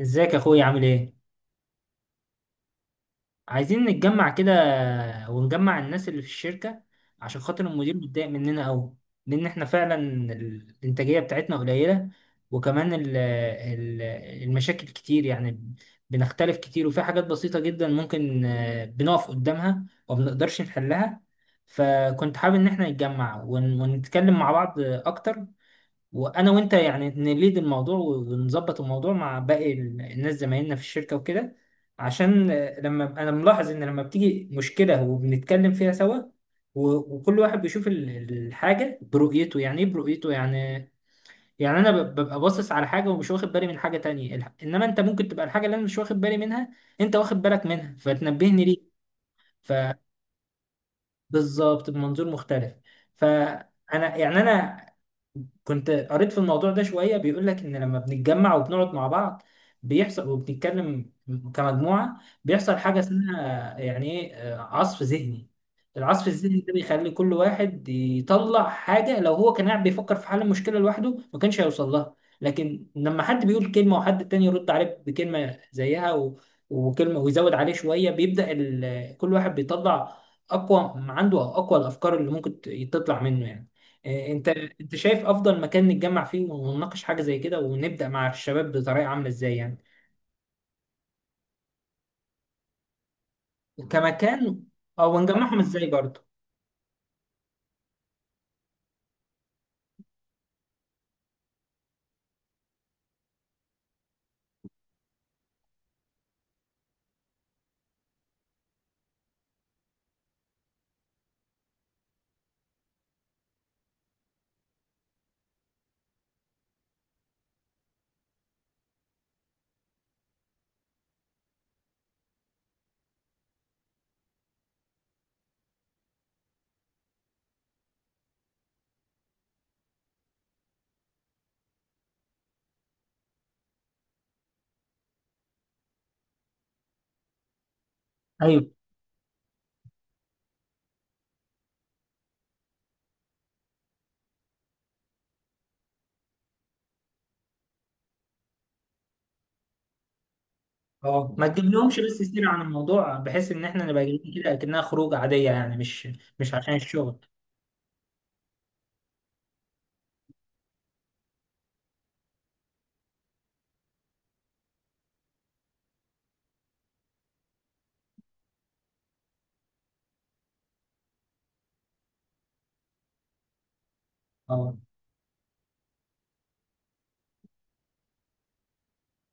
ازيك يا اخويا، عامل ايه؟ عايزين نتجمع كده، ونجمع الناس اللي في الشركة عشان خاطر المدير متضايق مننا قوي. لان احنا فعلا الانتاجية بتاعتنا قليلة، وكمان ال ال المشاكل كتير يعني. بنختلف كتير، وفي حاجات بسيطة جدا ممكن بنقف قدامها ومبنقدرش نحلها. فكنت حابب ان احنا نتجمع ونتكلم مع بعض اكتر، وانا وانت يعني نليد الموضوع ونظبط الموضوع مع باقي الناس زمايلنا في الشركه وكده. عشان لما انا ملاحظ ان لما بتيجي مشكله وبنتكلم فيها سوا، وكل واحد بيشوف الحاجه برؤيته، يعني ايه برؤيته يعني؟ يعني انا ببقى باصص على حاجه ومش واخد بالي من حاجه تانية، انما انت ممكن تبقى الحاجه اللي انا مش واخد بالي منها، انت واخد بالك منها فتنبهني ليه. فبالظبط، بمنظور مختلف. فانا يعني انا كنت قريت في الموضوع ده شوية، بيقول لك إن لما بنتجمع وبنقعد مع بعض بيحصل وبنتكلم كمجموعة، بيحصل حاجة اسمها يعني إيه عصف ذهني. العصف الذهني ده بيخلي كل واحد يطلع حاجة لو هو كان قاعد بيفكر في حل المشكلة لوحده ما كانش هيوصل لها. لكن لما حد بيقول كلمة وحد تاني يرد عليه بكلمة زيها وكلمة ويزود عليه شوية، كل واحد بيطلع أقوى ما عنده أو أقوى الأفكار اللي ممكن تطلع منه يعني. انت شايف افضل مكان نتجمع فيه ونناقش حاجه زي كده، ونبدا مع الشباب بطريقه عامله ازاي يعني؟ كمكان او نجمعهم ازاي برضه. ايوه. اه، ما تجيب لهمش بس سيرة عن الموضوع، بحيث ان احنا نبقى جايين كده اكنها خروج عاديه يعني، مش مش عشان الشغل. اه،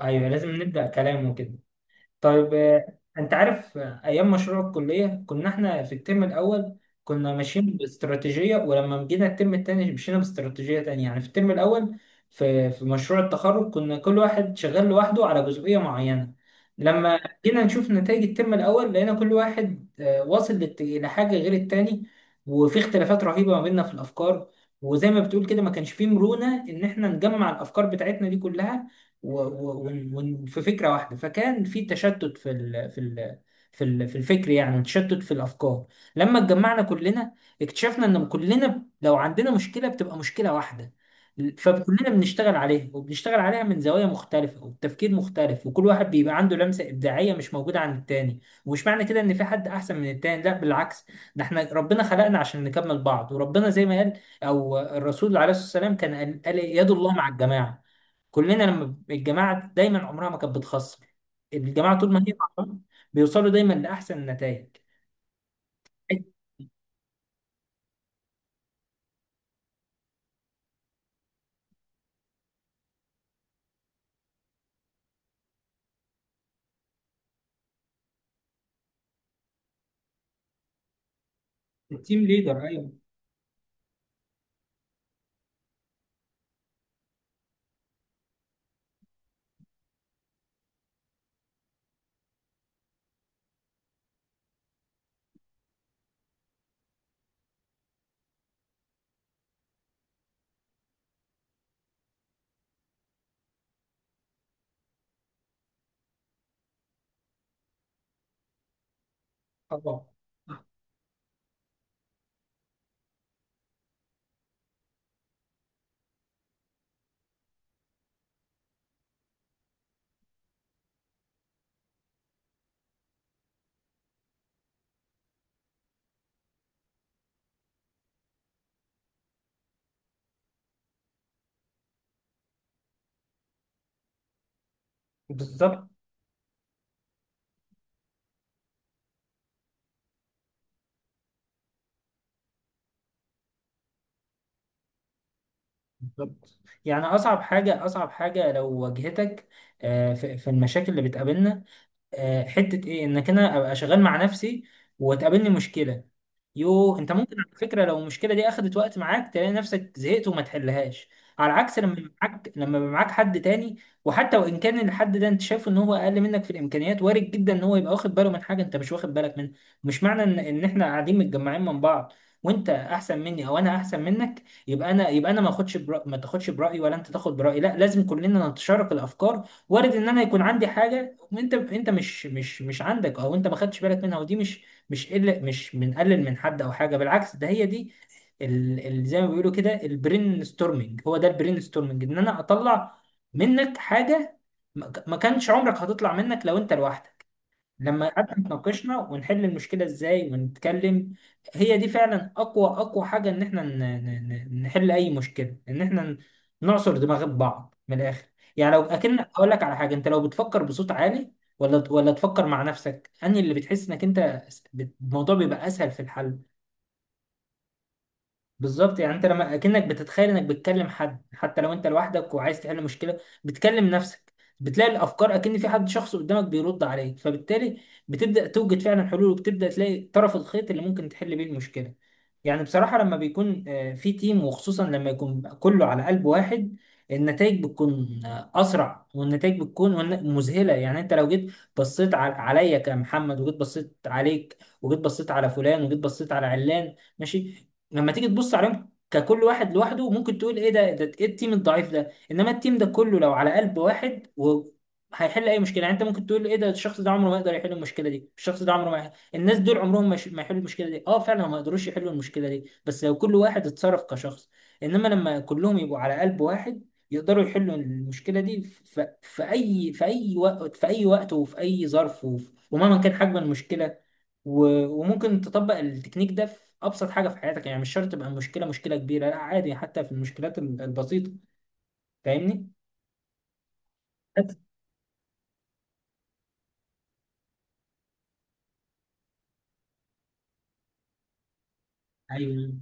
ايوه، لازم نبدا كلام وكده. طيب انت عارف ايام مشروع الكليه، كنا احنا في الترم الاول كنا ماشيين باستراتيجيه، ولما جينا الترم الثاني مشينا باستراتيجيه تانية. يعني في الترم الاول، في مشروع التخرج، كنا كل واحد شغال لوحده على جزئيه معينه. لما جينا نشوف نتائج الترم الاول، لقينا كل واحد واصل لحاجه غير التاني، وفي اختلافات رهيبه ما بيننا في الافكار. وزي ما بتقول كده، ما كانش فيه مرونه ان احنا نجمع الافكار بتاعتنا دي كلها وفي فكره واحده، فكان في تشتت في ال في ال في ال في الفكر يعني، وتشتت في الافكار. لما اتجمعنا كلنا، اكتشفنا ان كلنا لو عندنا مشكله بتبقى مشكله واحده، فكلنا بنشتغل عليها وبنشتغل عليها من زوايا مختلفة وبتفكير مختلف، وكل واحد بيبقى عنده لمسة إبداعية مش موجودة عند التاني. ومش معنى كده إن في حد أحسن من التاني، لا بالعكس، ده احنا ربنا خلقنا عشان نكمل بعض. وربنا زي ما قال أو الرسول عليه الصلاة والسلام كان قال إيه؟ يد الله مع الجماعة. كلنا لما الجماعه دايما عمرها ما كانت بتخسر، الجماعه طول ما هي مع بعض بيوصلوا دايما لاحسن النتائج. التيم ليدر، ايوه. طبعا. بالظبط بالظبط. يعني اصعب حاجه، اصعب حاجه لو واجهتك في المشاكل اللي بتقابلنا، حته ايه؟ انك انا ابقى شغال مع نفسي وتقابلني مشكله. يو، انت ممكن على فكره لو المشكله دي اخدت وقت معاك، تلاقي نفسك زهقت وما تحلهاش، على عكس لما يبقى معاك، لما يبقى معاك حد تاني. وحتى وان كان الحد ده انت شايفه ان هو اقل منك في الامكانيات، وارد جدا ان هو يبقى واخد باله من حاجه انت مش واخد بالك منها. مش معنى ان احنا قاعدين متجمعين من بعض، وانت احسن مني او انا احسن منك، يبقى انا ما اخدش برأ... ما تاخدش برايي ولا انت تاخد برايي. لا، لازم كلنا نتشارك الافكار. وارد ان انا يكون عندي حاجه انت مش عندك، او انت ما خدتش بالك منها. ودي مش مش قل مش بنقلل من حد او حاجه، بالعكس، ده هي دي زي ما بيقولوا كده البرين ستورمنج. هو ده البرين ستورمنج، ان انا اطلع منك حاجه ما كانش عمرك هتطلع منك لو انت لوحدك، لما قعدنا اتناقشنا ونحل المشكلة ازاي ونتكلم. هي دي فعلا اقوى، اقوى حاجة ان احنا نحل اي مشكلة، ان احنا نعصر دماغ بعض من الاخر. يعني لو اكن اقول لك على حاجة، انت لو بتفكر بصوت عالي ولا تفكر مع نفسك، انهي اللي بتحس انك انت الموضوع بيبقى اسهل في الحل؟ بالظبط، يعني انت لما اكنك بتتخيل انك بتكلم حد، حتى لو انت لوحدك وعايز تحل مشكله بتكلم نفسك، بتلاقي الافكار اكن في حد شخص قدامك بيرد عليك. فبالتالي بتبدا توجد فعلا حلول، وبتبدا تلاقي طرف الخيط اللي ممكن تحل بيه المشكله. يعني بصراحه لما بيكون في تيم، وخصوصا لما يكون كله على قلب واحد، النتائج بتكون اسرع، والنتائج بتكون مذهله. يعني انت لو جيت بصيت عليا كمحمد، وجيت بصيت عليك، وجيت بصيت على فلان، وجيت بصيت على علان، ماشي. لما تيجي تبص عليهم ككل واحد لوحده، ممكن تقول ايه ده؟ ايه التيم الضعيف ده؟ انما التيم ده كله لو على قلب واحد و هيحل اي مشكله. يعني انت ممكن تقول ايه ده؟ الشخص ده عمره ما يقدر يحل المشكله دي، الشخص ده عمره ما يحل، الناس دول عمرهم ما يحلوا المشكله دي. اه فعلا ما يقدروش يحلوا المشكله دي بس لو كل واحد اتصرف كشخص، انما لما كلهم يبقوا على قلب واحد، يقدروا يحلوا المشكله دي في في اي وقت، وفي اي ظرف، ومهما كان حجم المشكله. وممكن تطبق التكنيك ده في ابسط حاجه في حياتك، يعني مش شرط تبقى المشكله مشكله كبيره، لا عادي حتى في المشكلات البسيطه. فاهمني؟ بس. ايوه.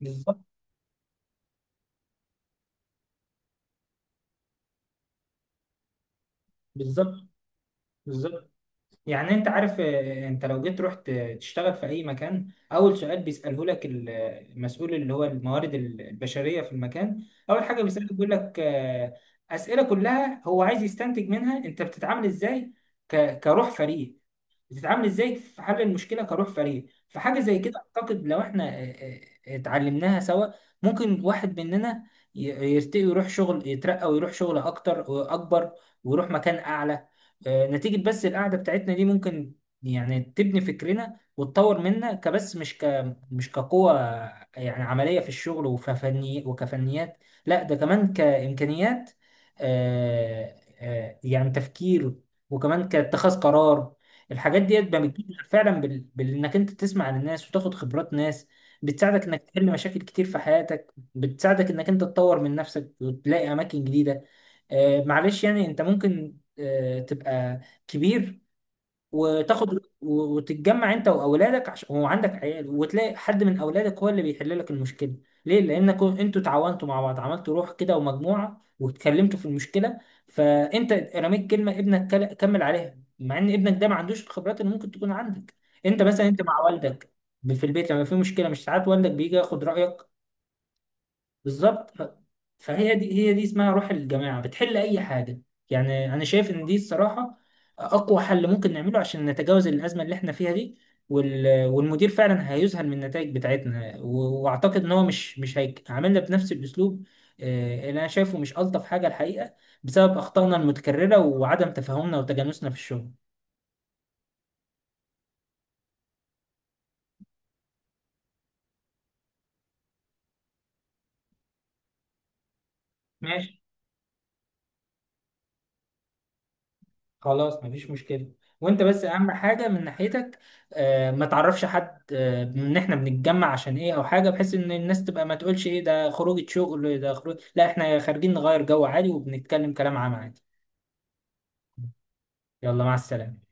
بالظبط بالظبط بالظبط. يعني انت عارف انت لو جيت رحت تشتغل في اي مكان، اول سؤال بيساله لك المسؤول اللي هو الموارد البشريه في المكان، اول حاجه بيسالك بيقول لك اسئله كلها هو عايز يستنتج منها انت بتتعامل ازاي كروح فريق، بتتعامل ازاي في حل المشكله كروح فريق. فحاجه زي كده اعتقد لو احنا اتعلمناها سوا، ممكن واحد مننا ي- يرتقي ويروح شغل، يترقى ويروح شغل اكتر واكبر، ويروح مكان اعلى نتيجه بس القعده بتاعتنا دي. ممكن يعني تبني فكرنا وتطور منا، كبس مش مش كقوة يعني عملية في الشغل وفني وكفنيات، لا ده كمان كإمكانيات يعني تفكير، وكمان كاتخاذ قرار. الحاجات ديت بقى بتجيب فعلا بانك انت تسمع عن الناس وتاخد خبرات ناس، بتساعدك انك تحل مشاكل كتير في حياتك، بتساعدك انك انت تطور من نفسك وتلاقي اماكن جديده. آه معلش، يعني انت ممكن آه تبقى كبير وتاخد وتتجمع انت واولادك، عشان وعندك عيال، وتلاقي حد من اولادك هو اللي بيحل لك المشكله. ليه؟ لانكم انتوا تعاونتوا مع بعض، عملتوا روح كده ومجموعه، واتكلمتوا في المشكله، فانت رميت كلمه ابنك كمل عليها، مع ان ابنك ده ما عندوش الخبرات اللي ممكن تكون عندك. انت مثلا مع والدك في البيت، لما في مشكله، مش ساعات والدك بيجي ياخد رايك؟ بالظبط. فهي دي، هي دي اسمها روح الجماعة، بتحل أي حاجة. يعني أنا شايف إن دي الصراحة أقوى حل ممكن نعمله عشان نتجاوز الأزمة اللي إحنا فيها دي. والمدير فعلا هيذهل من النتائج بتاعتنا، وأعتقد إن هو مش هيعاملنا بنفس الأسلوب اللي أنا شايفه مش ألطف حاجة الحقيقة، بسبب أخطائنا المتكررة وعدم تفاهمنا وتجانسنا في الشغل. ماشي، خلاص مفيش مشكلة. وانت بس اهم حاجة من ناحيتك ما تعرفش حد آه ان احنا بنتجمع عشان ايه او حاجة، بحيث ان الناس تبقى ما تقولش ايه ده، خروجة شغل ده؟ خروج، لا احنا خارجين نغير جو عادي وبنتكلم كلام عام عادي. يلا مع السلامة.